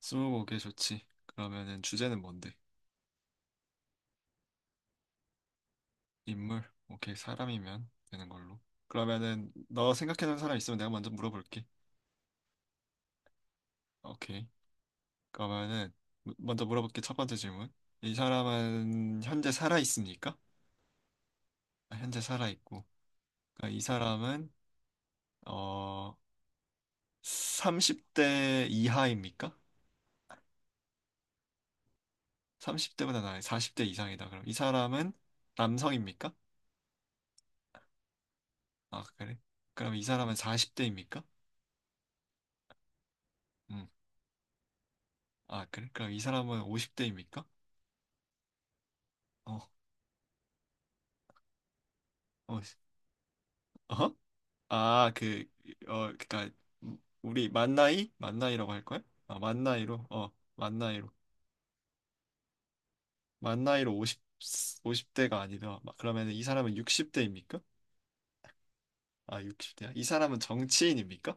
스무고개 좋지. 그러면은 주제는 뭔데? 인물? 오케이, 사람이면 되는 걸로. 그러면은 너 생각해놓은 사람 있으면 내가 먼저 물어볼게. 오케이. 그러면은 먼저 물어볼게. 첫 번째 질문. 이 사람은 현재 살아 있습니까? 아, 현재 살아 있고. 그러니까 이 사람은 어 30대 이하입니까? 30대보다 나이 40대 이상이다. 그럼 이 사람은 남성입니까? 아, 그래. 그럼 이 사람은 40대입니까? 음. 아, 그래? 그럼 이 사람은 50대입니까? 어, 어, 어 아, 그, 어, 그니까, 우리 만나이? 만나이라고 할 거야? 아, 만나이로? 어, 만나이로. 만나이로 50, 오십 대가 아니라, 그러면 이 사람은 60대입니까? 아, 60대야? 이 사람은 정치인입니까?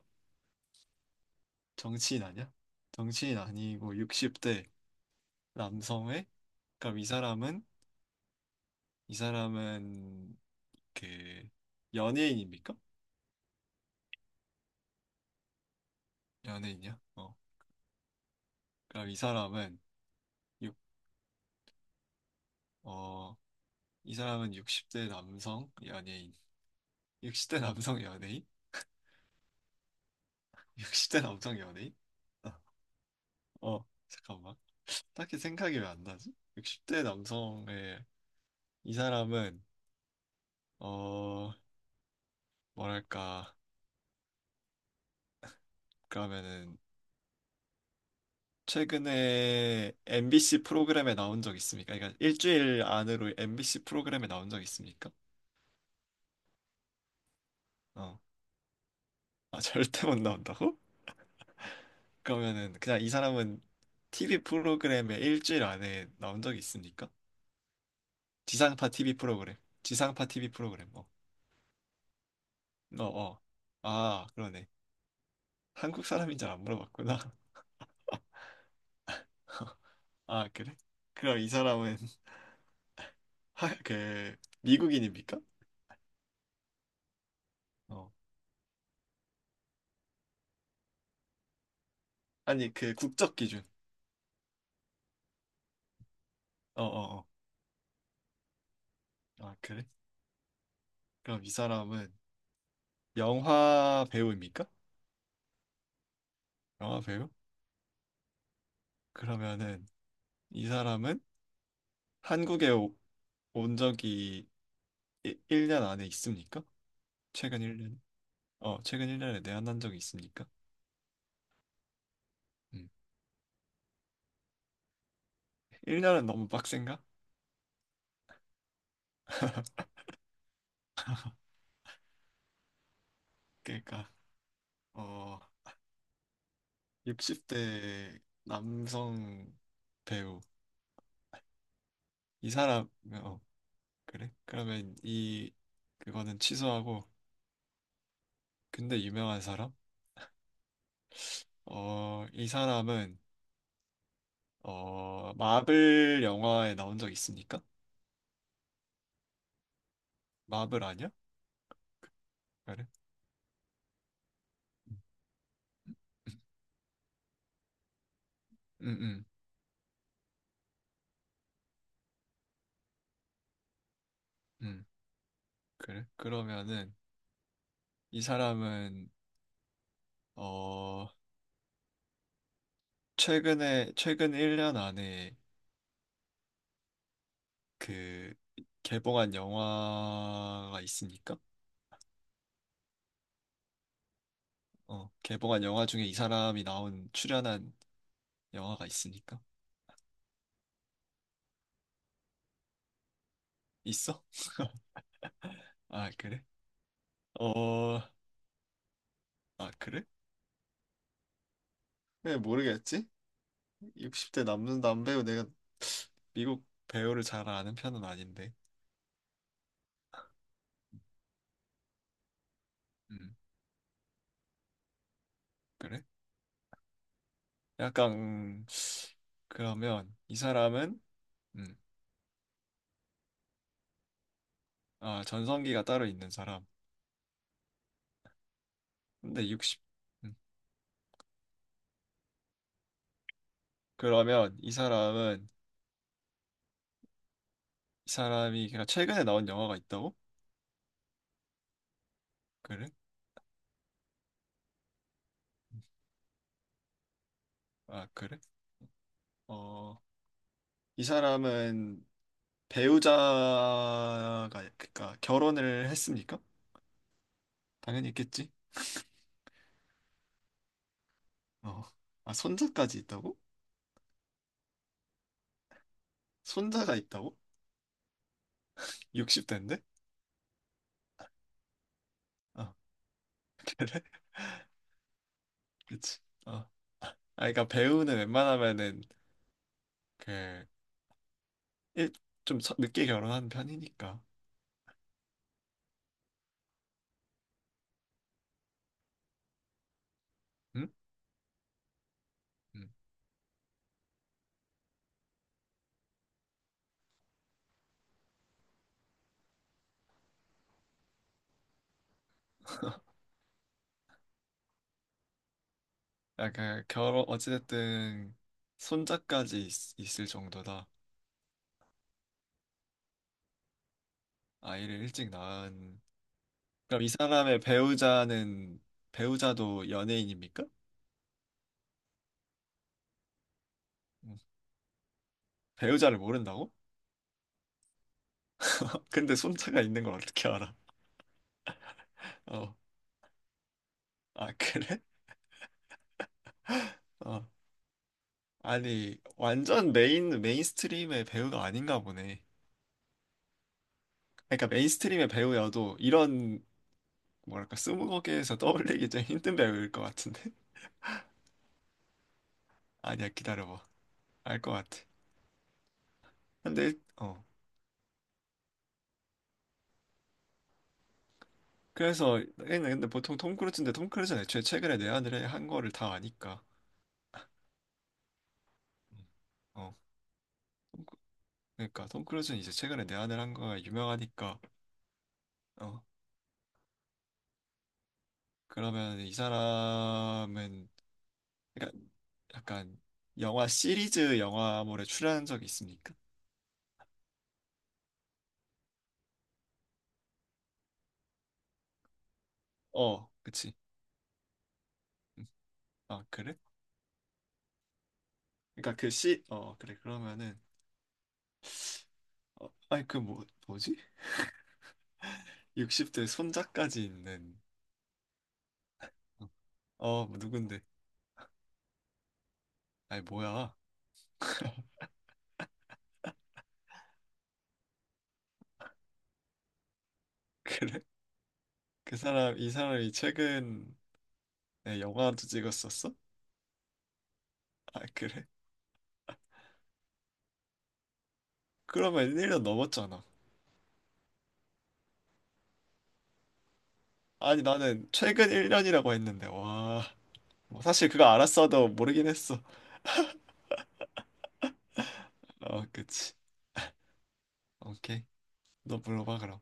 정치인 아니야? 정치인 아니고 60대 남성의? 그럼 이 사람은, 그, 연예인입니까? 연예인이야? 어. 그럼 육, 어, 이 사람은 60대 남성 연예인. 60대 남성 연예인? 60대 남성 연예인? 어, 어, 잠깐만. 딱히 생각이 왜 안 나지? 60대 남성의 이 사람은 어, 뭐랄까? 그러면은 최근에 MBC 프로그램에 나온 적 있습니까? 그러니까 일주일 안으로 MBC 프로그램에 나온 적 있습니까? 어. 아, 절대 못 나온다고? 그러면은 그냥 이 사람은 TV 프로그램에 일주일 안에 나온 적이 있습니까? 지상파 TV 프로그램. 지상파 TV 프로그램. 어, 어, 어. 아, 그러네. 한국 사람인 줄 안 물어봤구나. 아, 그래? 그럼 이 사람은 하, 그 미국인입니까? 어. 아니, 그 국적 기준. 어, 어, 어. 아, 그래? 그럼 이 사람은 영화 배우입니까? 영화 배우? 그러면은 이 사람은 한국에 온 적이 1년 안에 있습니까? 최근 1년? 어, 최근 1년에 내한한 적이 있습니까? 음. 1년은 너무 빡센가? 그러니까 어, 60대 남성 배우. 이 사람, 그래? 그러면 그거는 취소하고, 근데 유명한 사람? 어, 이 사람은, 마블 영화에 나온 적 있습니까? 마블 아니야? 그래? 음, 음, 음, 음, 그래? 그러면은, 이 사람은, 어, 최근 1년 안에 그, 개봉한 영화가 있습니까? 어, 개봉한 영화 중에 이 사람이 나온 출연한 영화가 있으니까. 있어? 아, 그래? 어, 아, 그래? 왜 모르겠지? 60대 남는 남배우 내가 미국 배우를 잘 아는 편은 아닌데. 음, 그래? 약간 그러면 이 사람은 음, 아, 전성기가 따로 있는 사람. 근데 60 음, 그러면 이 사람은 이 사람이 그냥 최근에 나온 영화가 있다고? 그래? 음, 아, 그래? 어, 이 사람은 배우자가 그러니까 결혼을 했습니까? 당연히 있겠지. 어. 아, 손자까지 있다고? 손자가 있다고? 60대인데? 어, 그래? 그치. 어. 아, 그러니까 배우는 웬만하면은 그 일, 좀 늦게 결혼한 편이니까. 응? 응. 아, 그 결혼 어찌됐든 손자까지 있을 정도다. 아이를 일찍 낳은. 그럼 이 사람의 배우자는 배우자도 연예인입니까? 음. 배우자를 모른다고? 근데 손자가 있는 걸 어떻게 알아? 어. 아, 그래? 어. 아니, 완전 메인스트림의 배우가 아닌가 보네. 그러니까 메인스트림의 배우여도 이런, 뭐랄까, 스무고개에서 떠올리기 좀 힘든 배우일 것 같은데? 아니야, 기다려봐. 알 것 같아. 근데, 어. 그래서, 얘는 근데 보통 톰 크루즈인데 톰 크루즈는 애초에 최근에 내한을 한 거를 다 아니까. 어, 그러니까 톰 크루즈는 이제 최근에 내한을 한 거가 유명하니까 어, 그러면 이 사람은 그러니까 약간 영화 시리즈 영화물에 출연한 적이 있습니까? 어, 그치. 음. 아, 그래? 그러니까 그 시, 어, 그래. 그러면은, 어, 아니, 그 뭐, 뭐지? 60대 손자까지 있는, 어, 어, 뭐 누군데? 아니, 뭐야. 그래? 그 사람, 이 사람이 최근에 영화도 찍었었어? 아, 그래? 그러면 1년 넘었잖아. 아니, 나는 최근 1년이라고 했는데, 와. 뭐 사실 그거 알았어도 모르긴 했어. 어, 그치. 오케이. 너 물어봐, 그럼.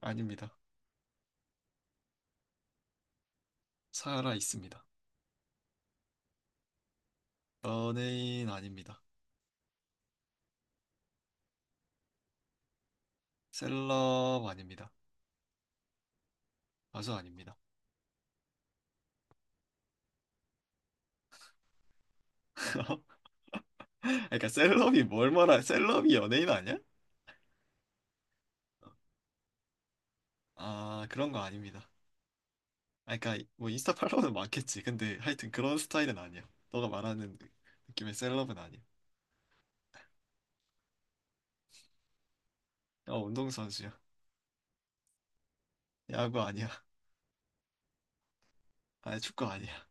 아닙니다. 살아 있습니다. 연예인 아닙니다. 셀럽 아닙니다. 가수 아닙니다. 그러니까 셀럽이 뭘 말하? 셀럽이 연예인 아니야? 아 그런 거 아닙니다. 아 그러니까 뭐 인스타 팔로우는 많겠지. 근데 하여튼 그런 스타일은 아니야. 너가 말하는 느낌의 셀럽은 아니야. 어 운동선수야. 야구 아니야. 아니 축구 아니야.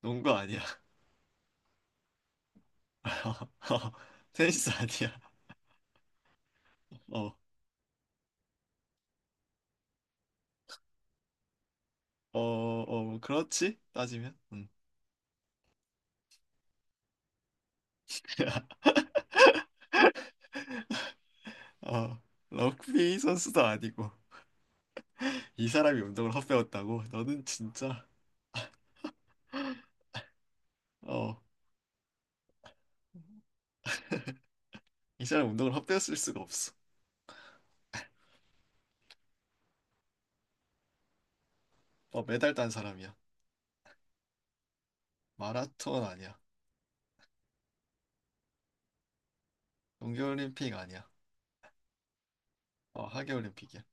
농구 아니야. 어, 테니스 아니야. 어. 어, 어, 뭐 그렇지? 따지면? 음. 어, 럭비 선수도 아니고, 이 사람이 운동을 헛배웠다고? 너는 진짜 어, 이 사람 운동을 헛배웠을 수가 없어. 어, 메달 딴 사람이야. 마라톤 아니야. 동계올림픽 아니야. 어, 하계올림픽이야.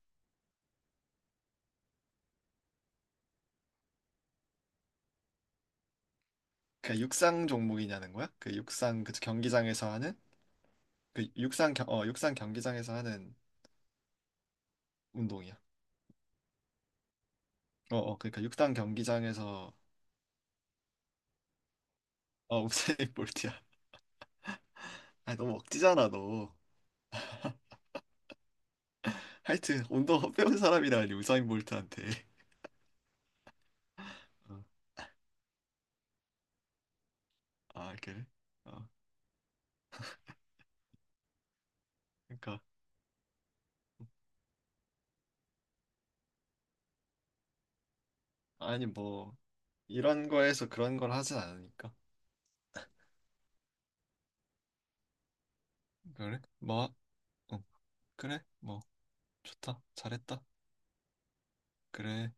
그 육상 종목이냐는 거야? 그 육상 그 경기장에서 하는 그 육상 육상 경기장에서 하는 운동이야. 어, 어, 그러니까 육상 경기장에서 어, 우사인 볼트야. 아, 너무 억지잖아, 너. 하여튼 운동 헛배운 사람이라니 우사인 볼트한테. 어, 아, 그래? 어, 그러니까. 아니 뭐 이런 거에서 그런 걸 하진 않으니까. 그래? 뭐? 응. 그래? 뭐 좋다. 잘했다. 그래.